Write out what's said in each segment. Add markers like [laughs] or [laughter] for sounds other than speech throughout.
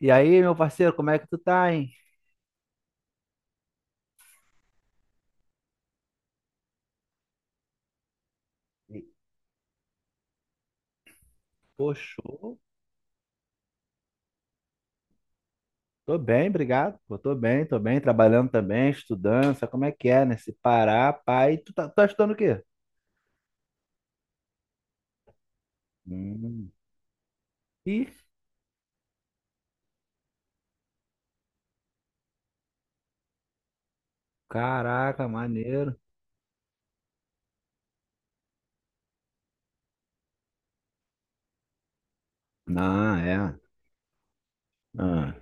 E aí, meu parceiro, como é que tu tá, hein? E, pô, show. Tô bem, obrigado. Pô, tô bem, trabalhando também, estudando, sabe como é que é, né? Se parar, pai, tu tá estudando o quê? Hum. Ih, caraca, maneiro. Ah, é. Ah,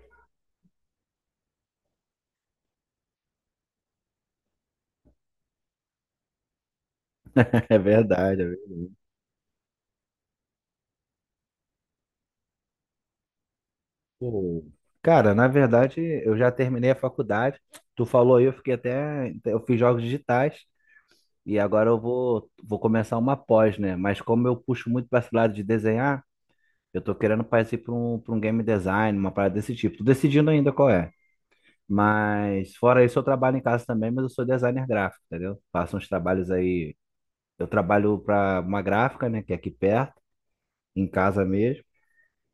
[laughs] é verdade. É verdade. Pô, cara, na verdade, eu já terminei a faculdade. Tu falou aí, eu fiquei até. Eu fiz jogos digitais e agora eu vou começar uma pós, né? Mas como eu puxo muito para esse lado de desenhar. Eu tô querendo partir pra um game design, uma parada desse tipo. Tô decidindo ainda qual é. Mas fora isso, eu trabalho em casa também, mas eu sou designer gráfico, entendeu? Faço uns trabalhos aí. Eu trabalho para uma gráfica, né, que é aqui perto, em casa mesmo.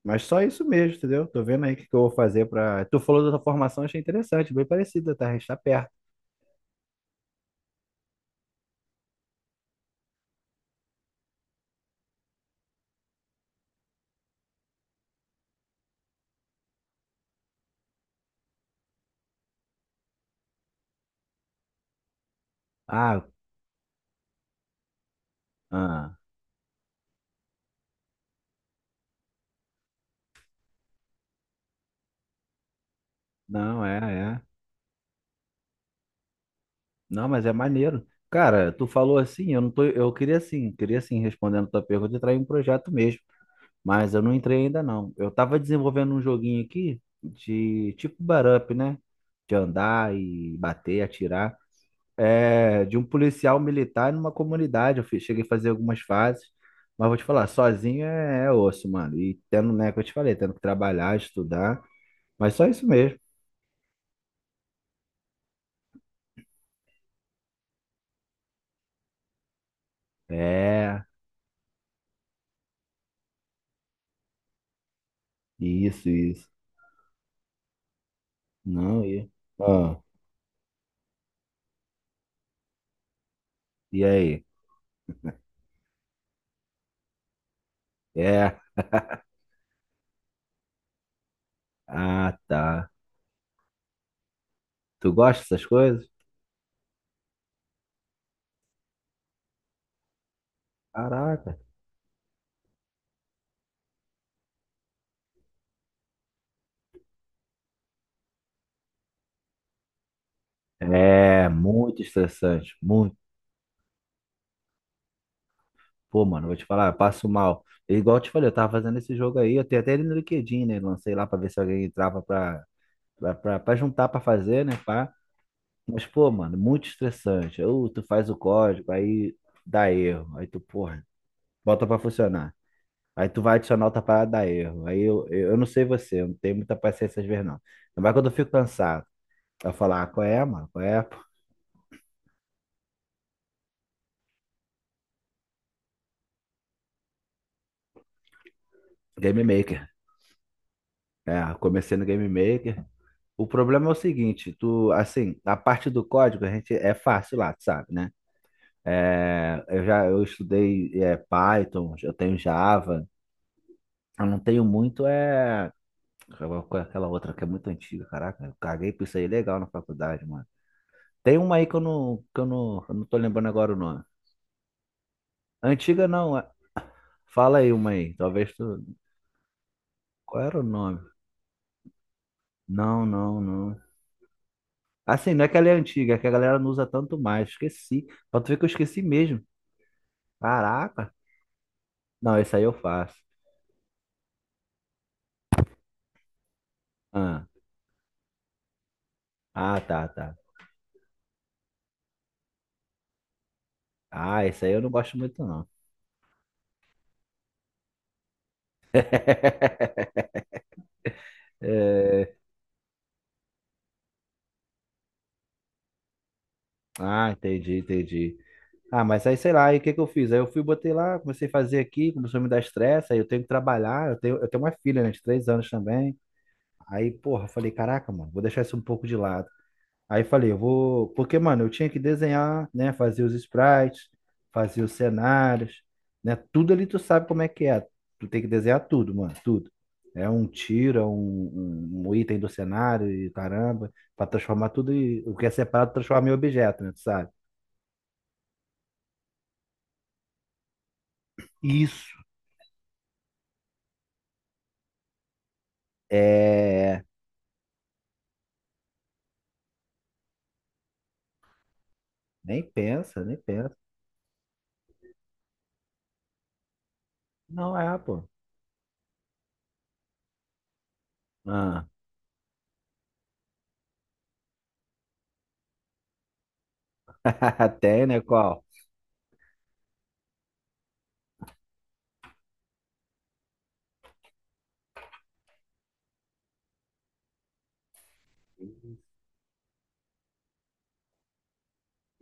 Mas só isso mesmo, entendeu? Tô vendo aí o que que eu vou fazer para. Tu falou da tua formação, achei interessante, bem parecida, tá? A gente tá perto. Ah, ah, não, é, é. Não, mas é maneiro. Cara, tu falou assim, eu não tô, eu queria assim, respondendo a tua pergunta, entrar em um projeto mesmo. Mas eu não entrei ainda não. Eu tava desenvolvendo um joguinho aqui de tipo Barup, né? De andar e bater, atirar. É, de um policial militar numa comunidade. Eu cheguei a fazer algumas fases. Mas vou te falar, sozinho é osso, mano. E tendo, né, que eu te falei, tendo que trabalhar, estudar. Mas só isso mesmo. É, isso, isso. Não, e. Ah, e aí? É. Ah, tá. Tu gosta dessas coisas? Caraca. É muito estressante, muito. Pô, mano, vou te falar, eu passo mal. É igual eu te falei, eu tava fazendo esse jogo aí, eu tenho até ele no LinkedIn, né? Lancei lá pra ver se alguém entrava pra juntar pra fazer, né? Pá. Mas, pô, mano, muito estressante. Ou tu faz o código, aí dá erro. Aí tu, porra, bota pra funcionar. Aí tu vai adicionar outra parada, dá erro. Aí eu não sei você, eu não tenho muita paciência às vezes, não. Mas quando eu fico cansado, eu falo, ah, qual é, mano? Qual é? Pô? Game Maker. É, eu comecei no Game Maker. O problema é o seguinte, tu, assim, a parte do código a gente é fácil lá, tu sabe, né? É, eu estudei Python, eu tenho Java, eu não tenho muito aquela outra que é muito antiga, caraca, eu caguei por isso aí legal na faculdade, mano. Tem uma aí que eu não tô lembrando agora o nome. Antiga não, fala aí uma aí, talvez tu. Qual era o nome? Não, não, não. Assim, não é que ela é antiga, é que a galera não usa tanto mais, esqueci. Pra tu ver que eu esqueci mesmo. Caraca. Não, esse aí eu faço. Ah, ah, tá, tá. Ah, esse aí eu não gosto muito, não. [laughs] É. Ah, entendi, entendi. Ah, mas aí sei lá, aí o que que eu fiz? Aí eu fui, botei lá, comecei a fazer aqui, começou a me dar estresse, aí eu tenho que trabalhar, eu tenho uma filha, né, de 3 anos também. Aí, porra, eu falei, caraca, mano, vou deixar isso um pouco de lado. Aí falei, eu vou. Porque, mano, eu tinha que desenhar, né? Fazer os sprites, fazer os cenários, né? Tudo ali tu sabe como é que é. Tu tem que desenhar tudo, mano, tudo. É um tiro, é um item do cenário e caramba, pra transformar tudo e o que é separado transformar em objeto, né? Tu sabe? Isso. É. Nem pensa, nem pensa. Não é, pô. Ah. [laughs] Tem, né? Qual?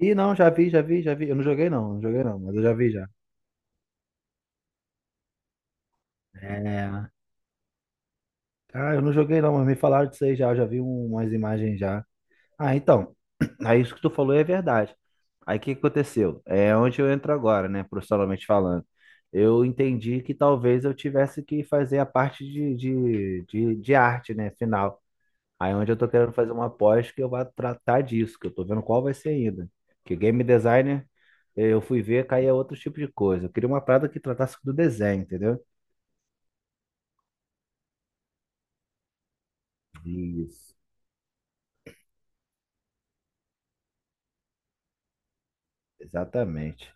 Ih, não, já vi, já vi, já vi. Eu não joguei, não, não joguei, não, mas eu já vi já. É. Ah, eu não joguei não, mas me falaram disso aí já, eu já vi umas imagens já. Ah, então, [clears throat] aí isso que tu falou é verdade. Aí o que que aconteceu? É onde eu entro agora, né, profissionalmente falando. Eu entendi que talvez eu tivesse que fazer a parte de arte, né, final. Aí é onde eu tô querendo fazer uma pós que eu vá tratar disso, que eu tô vendo qual vai ser ainda. Que game designer, eu fui ver, caía outro tipo de coisa. Eu queria uma parada que tratasse do desenho, entendeu? Isso. Exatamente.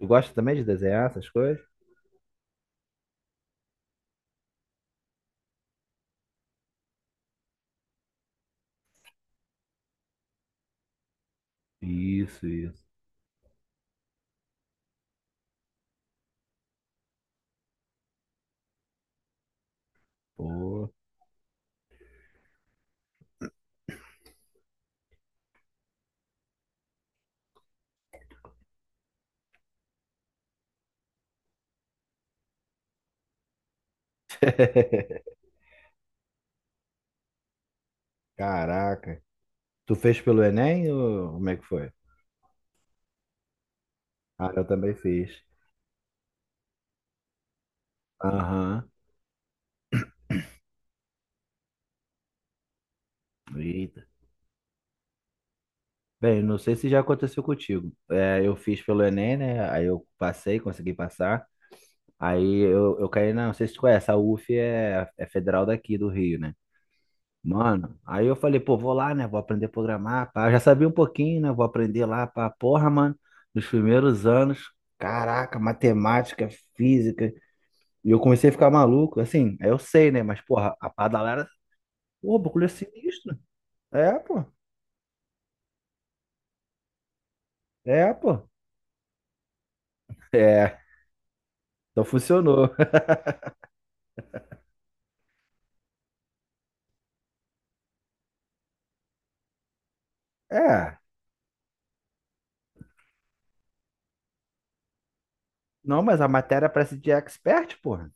Tu gosta também de desenhar essas coisas? Isso, isso. Pô. [laughs] Caraca. Tu fez pelo Enem ou como é que foi? Ah, eu também fiz. Aham. Eita. Bem, não sei se já aconteceu contigo. É, eu fiz pelo Enem, né? Aí eu passei, consegui passar. Aí eu caí na, não sei se tu conhece, a UF é federal daqui do Rio, né? Mano, aí eu falei, pô, vou lá, né? Vou aprender a programar, pá. Eu já sabia um pouquinho, né? Vou aprender lá, pá. Porra, mano, nos primeiros anos, caraca, matemática, física. E eu comecei a ficar maluco, assim, aí eu sei, né? Mas, porra, a pedalada, pô, o bagulho é sinistro. É, pô. É, pô. [laughs] É, então funcionou. [laughs] É. Não, mas a matéria parece de expert, porra.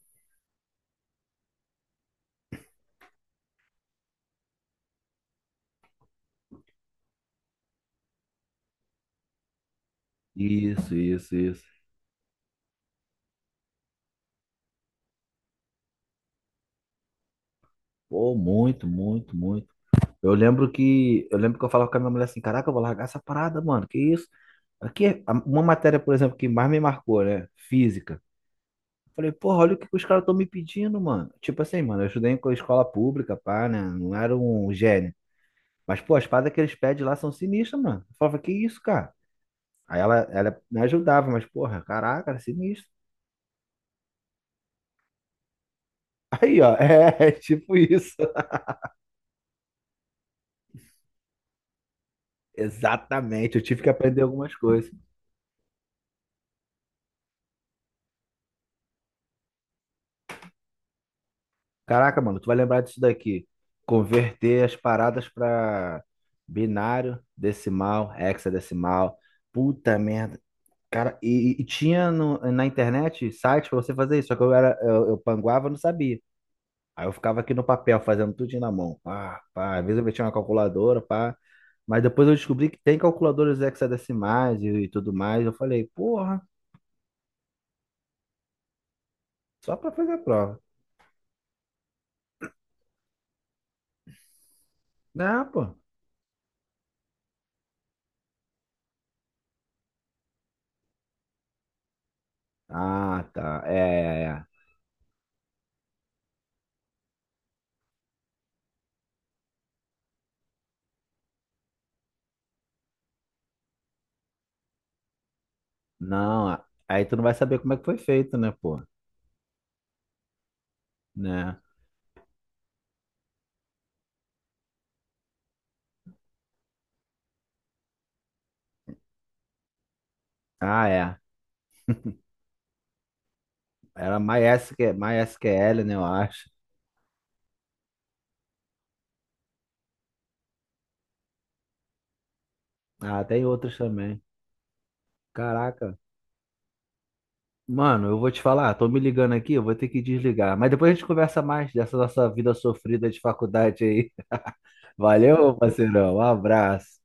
Isso, isso, isso. Pô, muito, muito, muito. Eu lembro que eu falava com a minha mulher assim, caraca, eu vou largar essa parada, mano. Que isso? Aqui, é uma matéria, por exemplo, que mais me marcou, né? Física. Falei, porra, olha o que que os caras estão me pedindo, mano. Tipo assim, mano, eu estudei em escola pública, pá, né? Não era um gênio. Mas, pô, as paradas que eles pedem lá são sinistras, mano. Eu falava, que isso, cara? Aí ela me ajudava, mas, porra, caraca, era sinistro. Aí, ó, [laughs] é tipo isso. Exatamente, eu tive que aprender algumas coisas. Caraca, mano, tu vai lembrar disso daqui. Converter as paradas pra binário, decimal, hexadecimal. Puta merda. Cara, e tinha na internet sites pra você fazer isso, só que eu era, eu panguava, não sabia. Aí eu ficava aqui no papel, fazendo tudinho na mão. Pá, pá. Às vezes eu metia uma calculadora, pá. Mas depois eu descobri que tem calculadoras hexadecimais e tudo mais. Eu falei, porra, só pra fazer a prova. Não, pô. Ah, tá. É, é, é. Não, aí tu não vai saber como é que foi feito, né, pô? Né? Ah, é. Era MySQL, MySQL, né, eu acho. Ah, tem outras também. Caraca. Mano, eu vou te falar, tô me ligando aqui, eu vou ter que desligar. Mas depois a gente conversa mais dessa nossa vida sofrida de faculdade aí. [laughs] Valeu, parceirão. Um abraço.